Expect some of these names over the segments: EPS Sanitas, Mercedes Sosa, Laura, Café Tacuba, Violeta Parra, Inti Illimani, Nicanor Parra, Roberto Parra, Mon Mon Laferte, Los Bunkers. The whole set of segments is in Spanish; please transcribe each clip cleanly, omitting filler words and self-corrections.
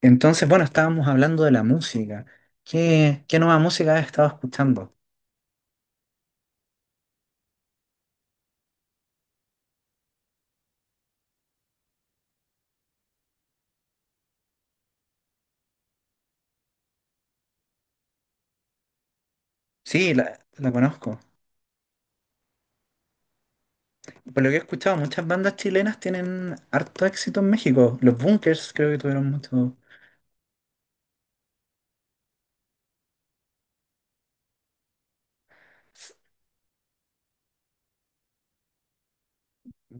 Entonces, bueno, estábamos hablando de la música. ¿Qué nueva música has estado escuchando? Sí, la conozco. Por lo que he escuchado, muchas bandas chilenas tienen harto éxito en México. Los Bunkers creo que tuvieron mucho,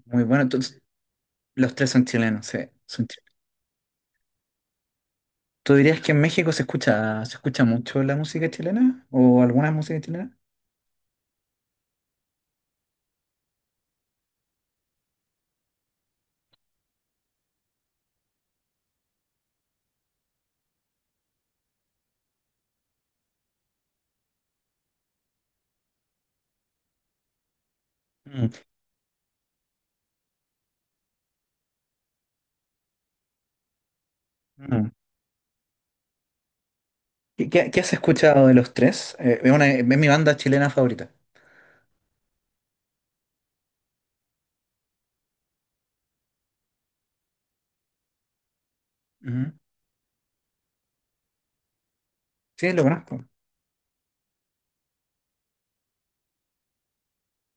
muy bueno. Entonces, los tres son chilenos, sí, son chilenos. ¿Tú dirías que en México se escucha mucho la música chilena o alguna música chilena? Mm, mm. ¿Qué has escuchado de los tres? Es mi banda chilena favorita. Ujú. Sí, lo conozco.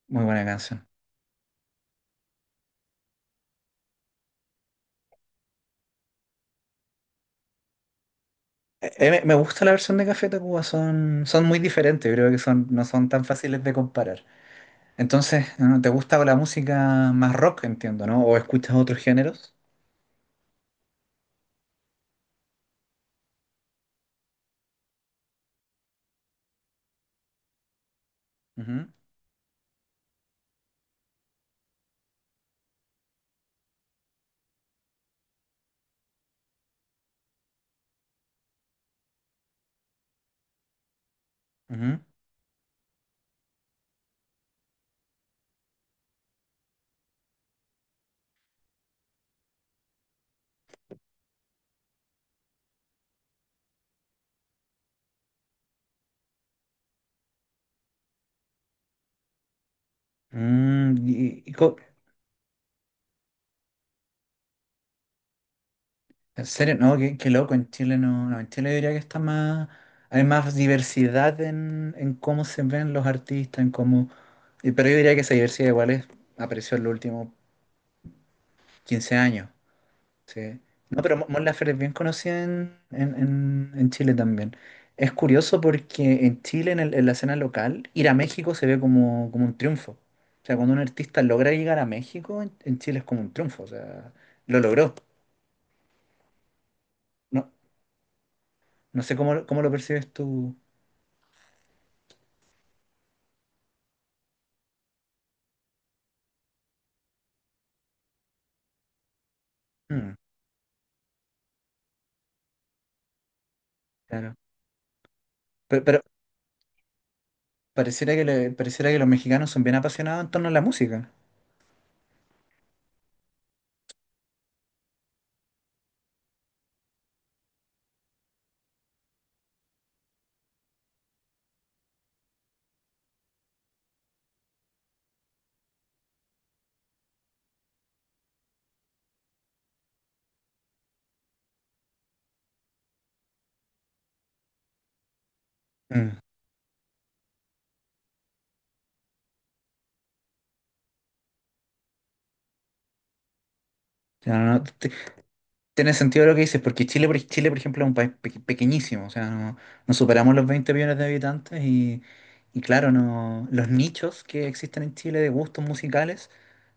Muy buena canción. Me gusta la versión de Café Tacuba, son muy diferentes, creo que son, no son tan fáciles de comparar. Entonces, ¿no? ¿Te gusta la música más rock, entiendo, ¿no? ¿O escuchas otros géneros? Ujú, ujú. Mm, y- y co- en serio, no, qué loco, en Chile no, no, en Chile diría que está más, hay más diversidad en cómo se ven los artistas, en cómo, y- pero yo diría que esa diversidad igual es, apareció en los últimos 15 años. Sí. No, pero Mon Laferte es bien conocida en Chile también. Es curioso porque en Chile, en, el- en la escena local, ir a México se ve como, como un triunfo. O sea, cuando un artista logra llegar a México, en Chile es como un triunfo. O sea, lo logró. No, no sé cómo, cómo lo percibes tú. Mm, claro. Pero pareciera que, le- pareciera que los mexicanos son bien apasionados en torno a la música. Mm. Ya, no, no, tiene sentido lo que dices, porque Chile, por, Chile, por ejemplo, es un país pe- pequeñísimo, o sea, no, no superamos los 20 millones de habitantes y claro, no, los nichos que existen en Chile de gustos musicales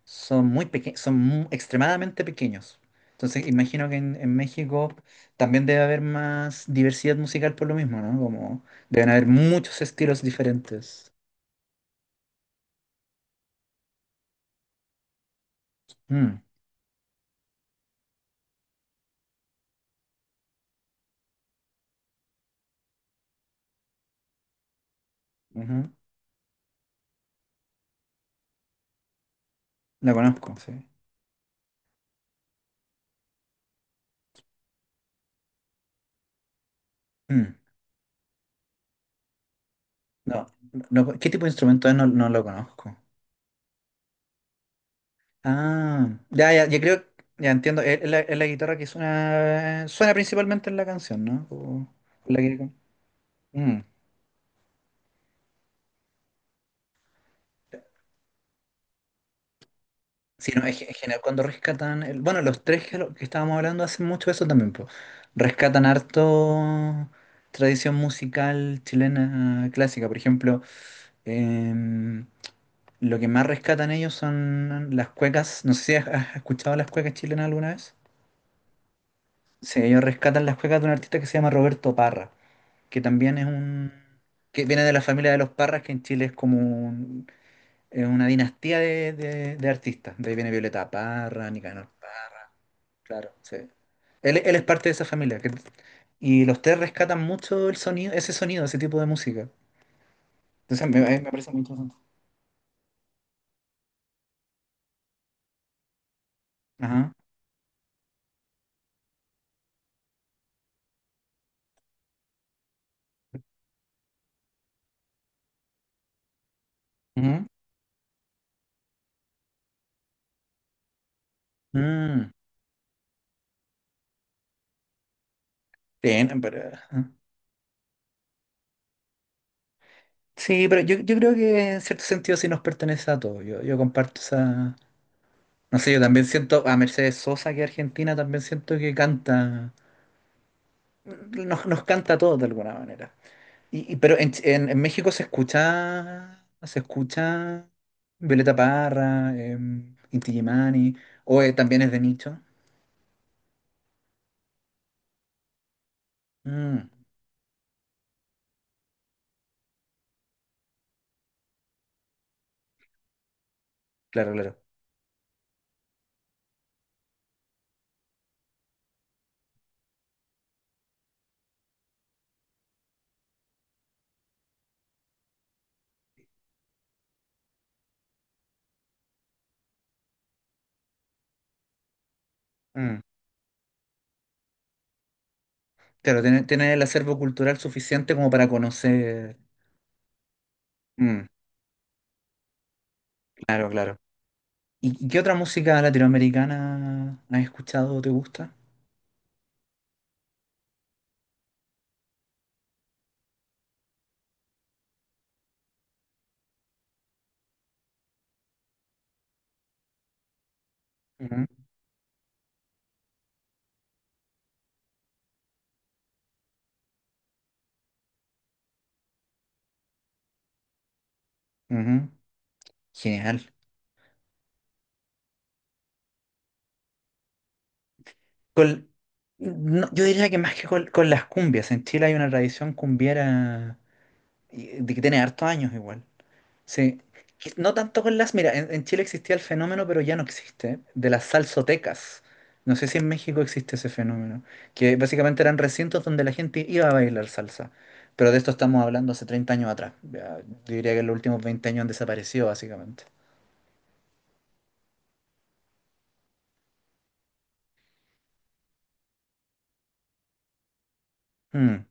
son muy peque- son mu- extremadamente pequeños. Entonces, imagino que en México también debe haber más diversidad musical por lo mismo, ¿no? Como deben haber muchos estilos diferentes. Mm, ujú, la conozco, sí. Mm, no, no, ¿qué tipo de instrumento es? No, no lo conozco. Ah, ya, ya, yo creo, ya entiendo, es la, es la guitarra que suena, suena principalmente en la canción, ¿no? O- la que- Mm. Sí, no, es, ge- es genial cuando rescatan, el- bueno, los tres que, lo- que estábamos hablando hacen mucho eso también, po. Rescatan harto tradición musical chilena clásica, por ejemplo, em, lo que más rescatan ellos son las cuecas, no sé si has escuchado las cuecas chilenas alguna vez. Sí, ellos rescatan las cuecas de un artista que se llama Roberto Parra, que también es un, que viene de la familia de los Parras, que en Chile es como un- es una dinastía de artistas. De ahí viene Violeta Parra, Nicanor Parra, claro, sí. Él es parte de esa familia. Que- y los tres rescatan mucho el sonido, ese tipo de música. Entonces me parece muy interesante. Ajá. Ujú. Mm, bien, pero... ajá. Sí, pero yo creo que en cierto sentido sí nos pertenece a todos. Yo comparto esa... No sé, yo también siento a Mercedes Sosa, que es argentina, también siento que canta nos, nos canta a todos de alguna manera. Y- pero en, Ch- en México se escucha Violeta Parra, Inti Illimani, o también es de nicho. Mm, claro, claro. Mm, claro, tiene, tiene el acervo cultural suficiente como para conocer. Mm, claro, claro. Y qué otra música latinoamericana has escuchado o te gusta? Ujú, ujú, genial. Con- no, yo diría que más que con las cumbias. En Chile hay una tradición cumbiera y- de que tiene hartos años igual. Sí. Que no tanto con las. Mira, en Chile existía el fenómeno, pero ya no existe, de las salsotecas. No sé si en México existe ese fenómeno, que básicamente eran recintos donde la gente iba a bailar salsa. Pero de esto estamos hablando hace 30 años atrás. Ya, yo diría que en los últimos 20 años han desaparecido, básicamente. Mm,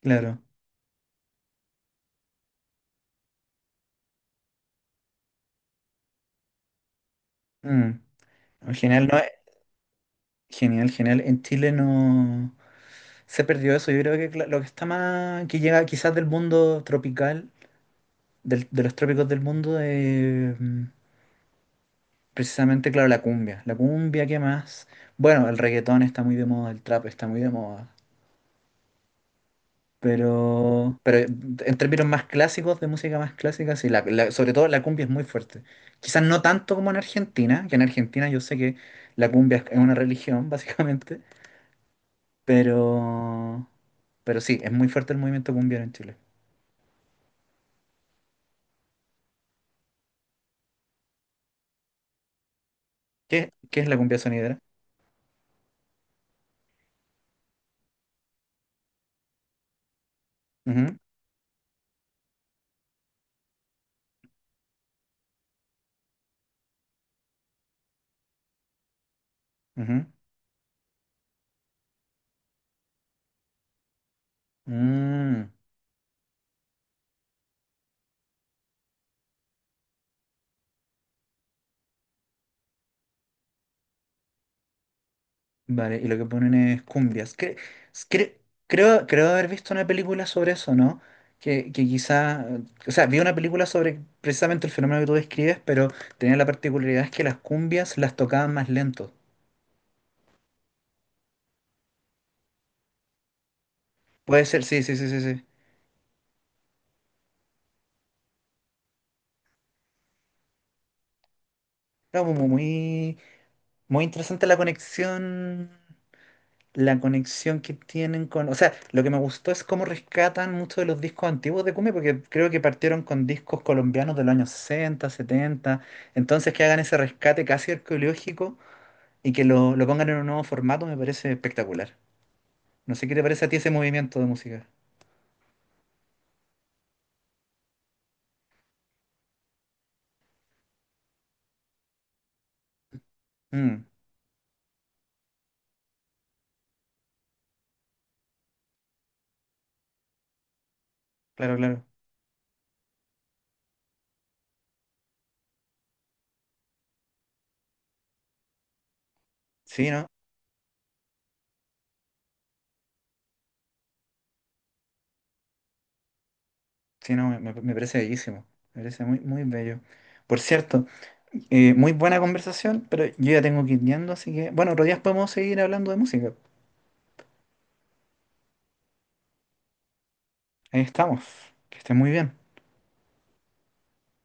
claro. Mm. Genial, no, genial, genial. En Chile no se perdió eso. Yo creo que cla- lo que está más, que llega quizás del mundo tropical del- de los trópicos del mundo, de, precisamente, claro, la cumbia. La cumbia, ¿qué más? Bueno, el reggaetón está muy de moda, el trap está muy de moda. Pero en términos más clásicos, de música más clásica, sí, la- la- sobre todo la cumbia es muy fuerte. Quizás no tanto como en Argentina, que en Argentina yo sé que la cumbia es una religión, básicamente, pero, pero sí, es muy fuerte el movimiento cumbiero en Chile. ¿Qué es la cumbia sonidera? Ujú, ujú. Mm. Vale, y lo que ponen es cumbias. Cre- creo, creo haber visto una película sobre eso, ¿no? Que quizá, o sea, vi una película sobre precisamente el fenómeno que tú describes, pero tenía la particularidad es que las cumbias las tocaban más lento. Puede ser, sí, sí, sí, sí, sí. No, muy, muy interesante la conexión que tienen con... O sea, lo que me gustó es cómo rescatan muchos de los discos antiguos de cumbia, porque creo que partieron con discos colombianos de los años 60 setenta. Entonces, que hagan ese rescate casi arqueológico y que lo pongan en un nuevo formato me parece espectacular. No sé qué te parece a ti ese movimiento de música. Mm, claro, claro. Sí, ¿no? Sí, no, me parece bellísimo. Me parece muy, muy bello. Por cierto, muy buena conversación, pero yo ya tengo que ir yendo, así que, bueno, otro día podemos seguir hablando de música. Ahí estamos. Que esté muy bien.